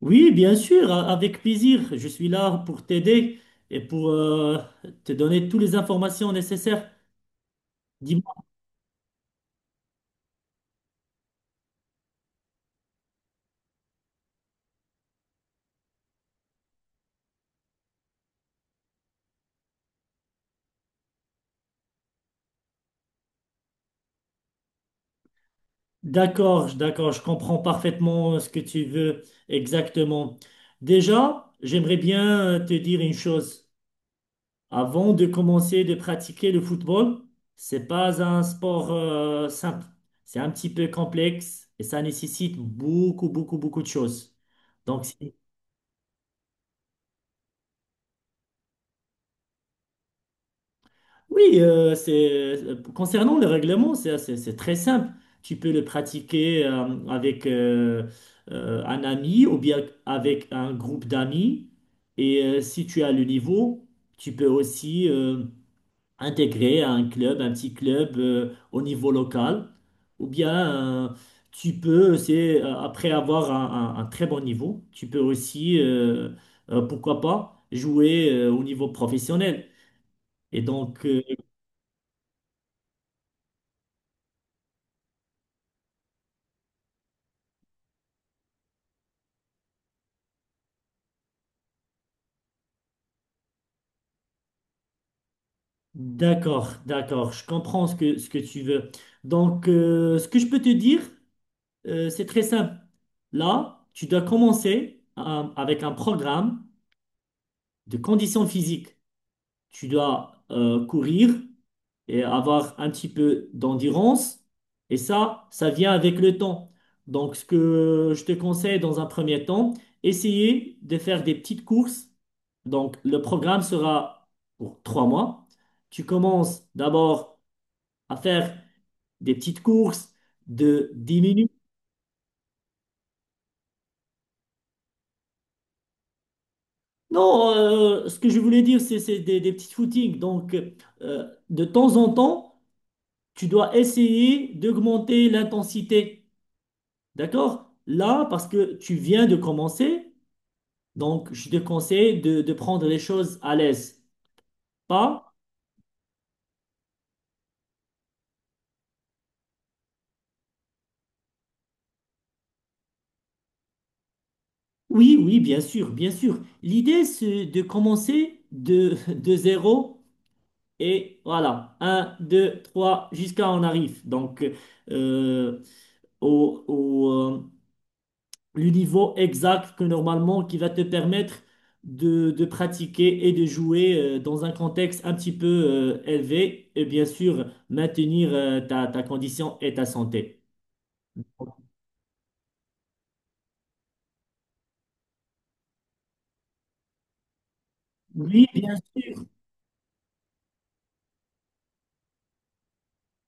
Oui, bien sûr, avec plaisir. Je suis là pour t'aider et pour te donner toutes les informations nécessaires. Dis-moi. D'accord, d'accord, je comprends parfaitement ce que tu veux exactement. Déjà, j'aimerais bien te dire une chose. Avant de commencer de pratiquer le football, c'est pas un sport simple. C'est un petit peu complexe et ça nécessite beaucoup, beaucoup, beaucoup de choses. Donc, oui, c'est, concernant le règlement, c'est très simple. Tu peux le pratiquer avec un ami ou bien avec un groupe d'amis. Et si tu as le niveau, tu peux aussi intégrer un club, un petit club au niveau local. Ou bien tu peux, c'est, après avoir un très bon niveau, tu peux aussi, pourquoi pas, jouer au niveau professionnel. Et donc, d'accord, d'accord, je comprends ce que tu veux. Donc, ce que je peux te dire, c'est très simple. Là, tu dois commencer avec un programme de conditions physiques. Tu dois courir et avoir un petit peu d'endurance. Et ça vient avec le temps. Donc, ce que je te conseille dans un premier temps, essayer de faire des petites courses. Donc, le programme sera pour 3 mois. Tu commences d'abord à faire des petites courses de 10 minutes. Non, ce que je voulais dire, c'est des petits footings. Donc, euh, de temps en temps, tu dois essayer d'augmenter l'intensité. D'accord? Là, parce que tu viens de commencer, donc je te conseille de prendre les choses à l'aise. Pas? Oui, oui, bien sûr, bien sûr. L'idée, c'est de commencer de zéro et voilà, un, 2, 3, jusqu'à on arrive. Donc, euh, au, au, euh, le niveau exact que normalement qui va te permettre de pratiquer et de jouer dans un contexte un petit peu élevé et bien sûr maintenir ta condition et ta santé. Oui, bien sûr.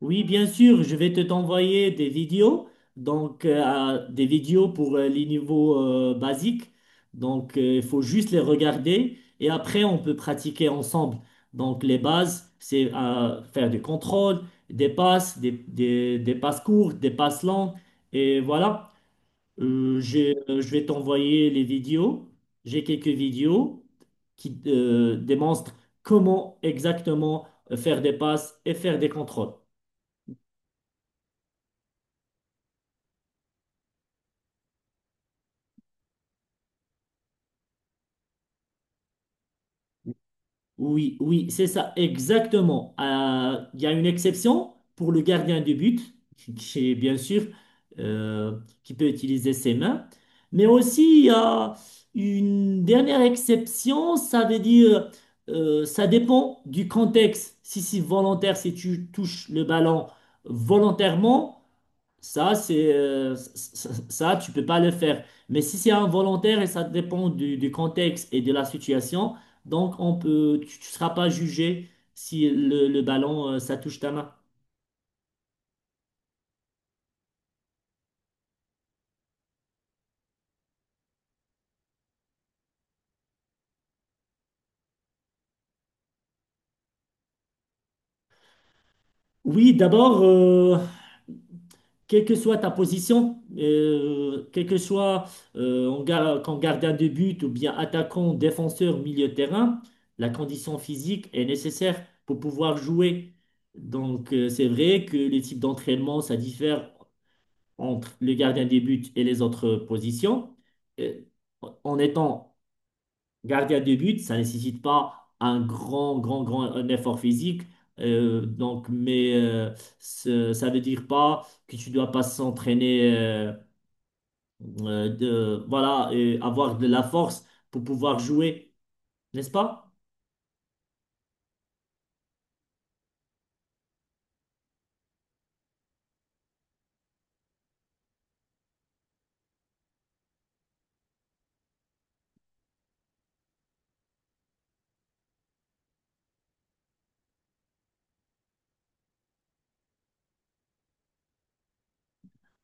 Oui, bien sûr, je vais te t'envoyer des vidéos, donc des vidéos pour les niveaux basiques. Donc il faut juste les regarder et après on peut pratiquer ensemble. Donc les bases, c'est faire des contrôles, des passes, des passes courtes, des passes longues et voilà. Je vais t'envoyer les vidéos. J'ai quelques vidéos qui démontrent comment exactement faire des passes et faire des contrôles. Oui, oui, c'est ça, exactement. Il y a une exception pour le gardien de but, qui est bien sûr, qui peut utiliser ses mains. Mais aussi, il y a une dernière exception, ça veut dire, ça dépend du contexte. Si c'est volontaire, si tu touches le ballon volontairement, ça, c'est, ça, tu peux pas le faire. Mais si c'est involontaire et ça dépend du contexte et de la situation, donc on peut, tu, ne seras pas jugé si le ballon, ça touche ta main. Oui, d'abord, quelle que soit ta position, quel que soit qu'en gardien de but ou bien attaquant, défenseur, milieu de terrain, la condition physique est nécessaire pour pouvoir jouer. Donc, c'est vrai que les types d'entraînement, ça diffère entre le gardien des buts et les autres positions. Et en étant gardien de but, ça ne nécessite pas un grand, grand, grand un effort physique. Donc, mais ça veut dire pas que tu dois pas s'entraîner, de, voilà, et avoir de la force pour pouvoir jouer, n'est-ce pas?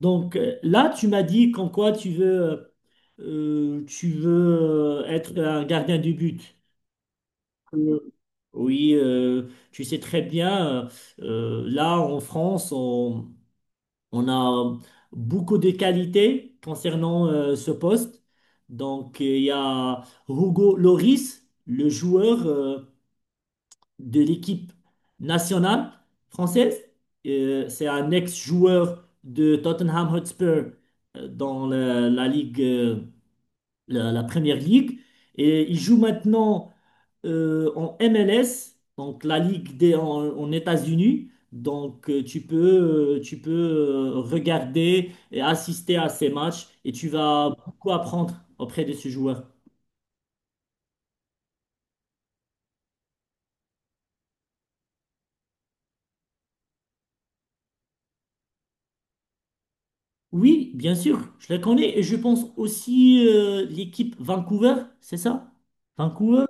Donc là, tu m'as dit qu'en quoi tu veux être un gardien de but. Euh, Oui, tu sais très bien, là en France, on a beaucoup de qualités concernant ce poste. Donc, il y a Hugo Loris, le joueur de l'équipe nationale française. C'est un ex-joueur de Tottenham Hotspur dans la ligue, la première ligue. Et il joue maintenant en MLS, donc la Ligue en États-Unis. Donc, tu peux regarder et assister à ces matchs et tu vas beaucoup apprendre auprès de ce joueur. Oui, bien sûr, je les connais et je pense aussi l'équipe Vancouver, c'est ça? Vancouver?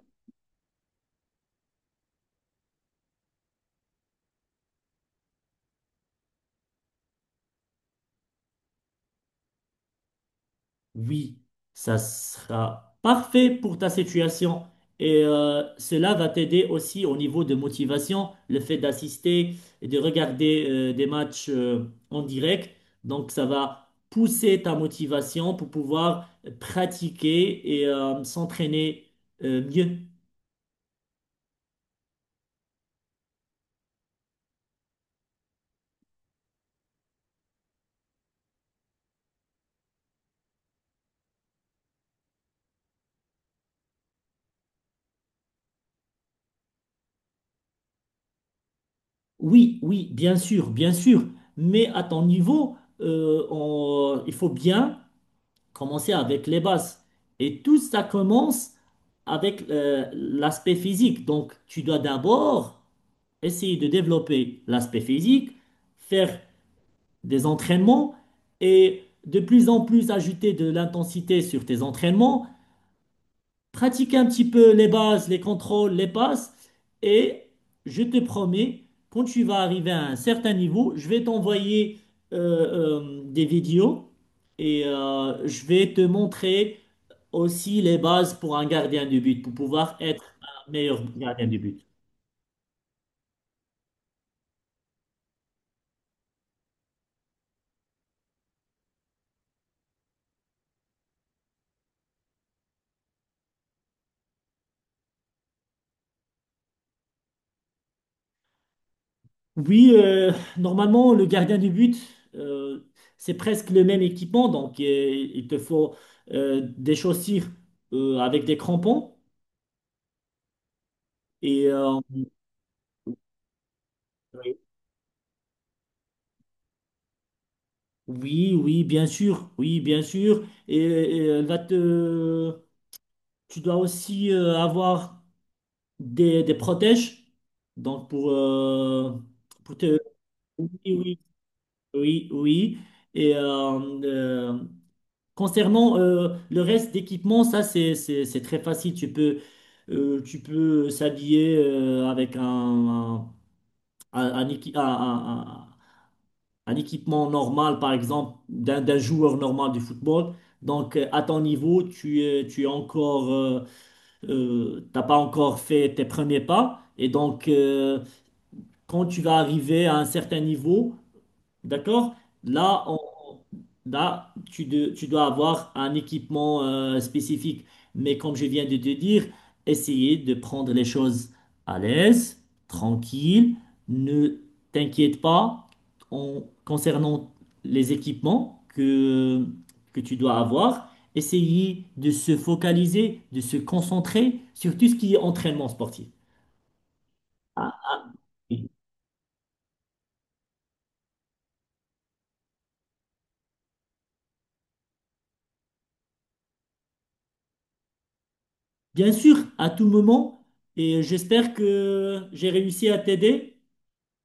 Oui, ça sera parfait pour ta situation et cela va t'aider aussi au niveau de motivation, le fait d'assister et de regarder des matchs en direct. Donc ça va pousser ta motivation pour pouvoir pratiquer et s'entraîner mieux. Oui, oui, bien sûr, mais à ton niveau, il faut bien commencer avec les bases. Et tout ça commence avec l'aspect physique. Donc, tu dois d'abord essayer de développer l'aspect physique, faire des entraînements et de plus en plus ajouter de l'intensité sur tes entraînements, pratiquer un petit peu les bases, les contrôles, les passes. Et je te promets, quand tu vas arriver à un certain niveau, je vais t'envoyer des vidéos et je vais te montrer aussi les bases pour un gardien de but, pour pouvoir être un meilleur gardien de but. Oui, normalement, le gardien de but, euh, c'est presque le même équipement, donc il te faut des chaussures avec des crampons. Et oui, oui, bien sûr, oui, bien sûr. Et elle va te, tu dois aussi avoir des protèges, donc pour te, oui, oui, oui, oui. Et euh, concernant le reste d'équipement, ça c'est très facile. Tu peux s'habiller avec un équi- un équipement normal, par exemple d'un joueur normal du football. Donc à ton niveau, tu es encore t'as pas encore fait tes premiers pas. Et donc quand tu vas arriver à un certain niveau. D'accord? Là, on- là tu, tu dois avoir un équipement spécifique. Mais comme je viens de te dire, essayez de prendre les choses à l'aise, tranquille. Ne t'inquiète pas concernant les équipements que tu dois avoir. Essayez de se focaliser, de se concentrer sur tout ce qui est entraînement sportif. Ah, bien sûr, à tout moment, et j'espère que j'ai réussi à t'aider.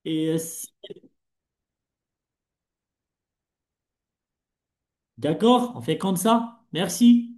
Et si, d'accord, on fait comme ça. Merci.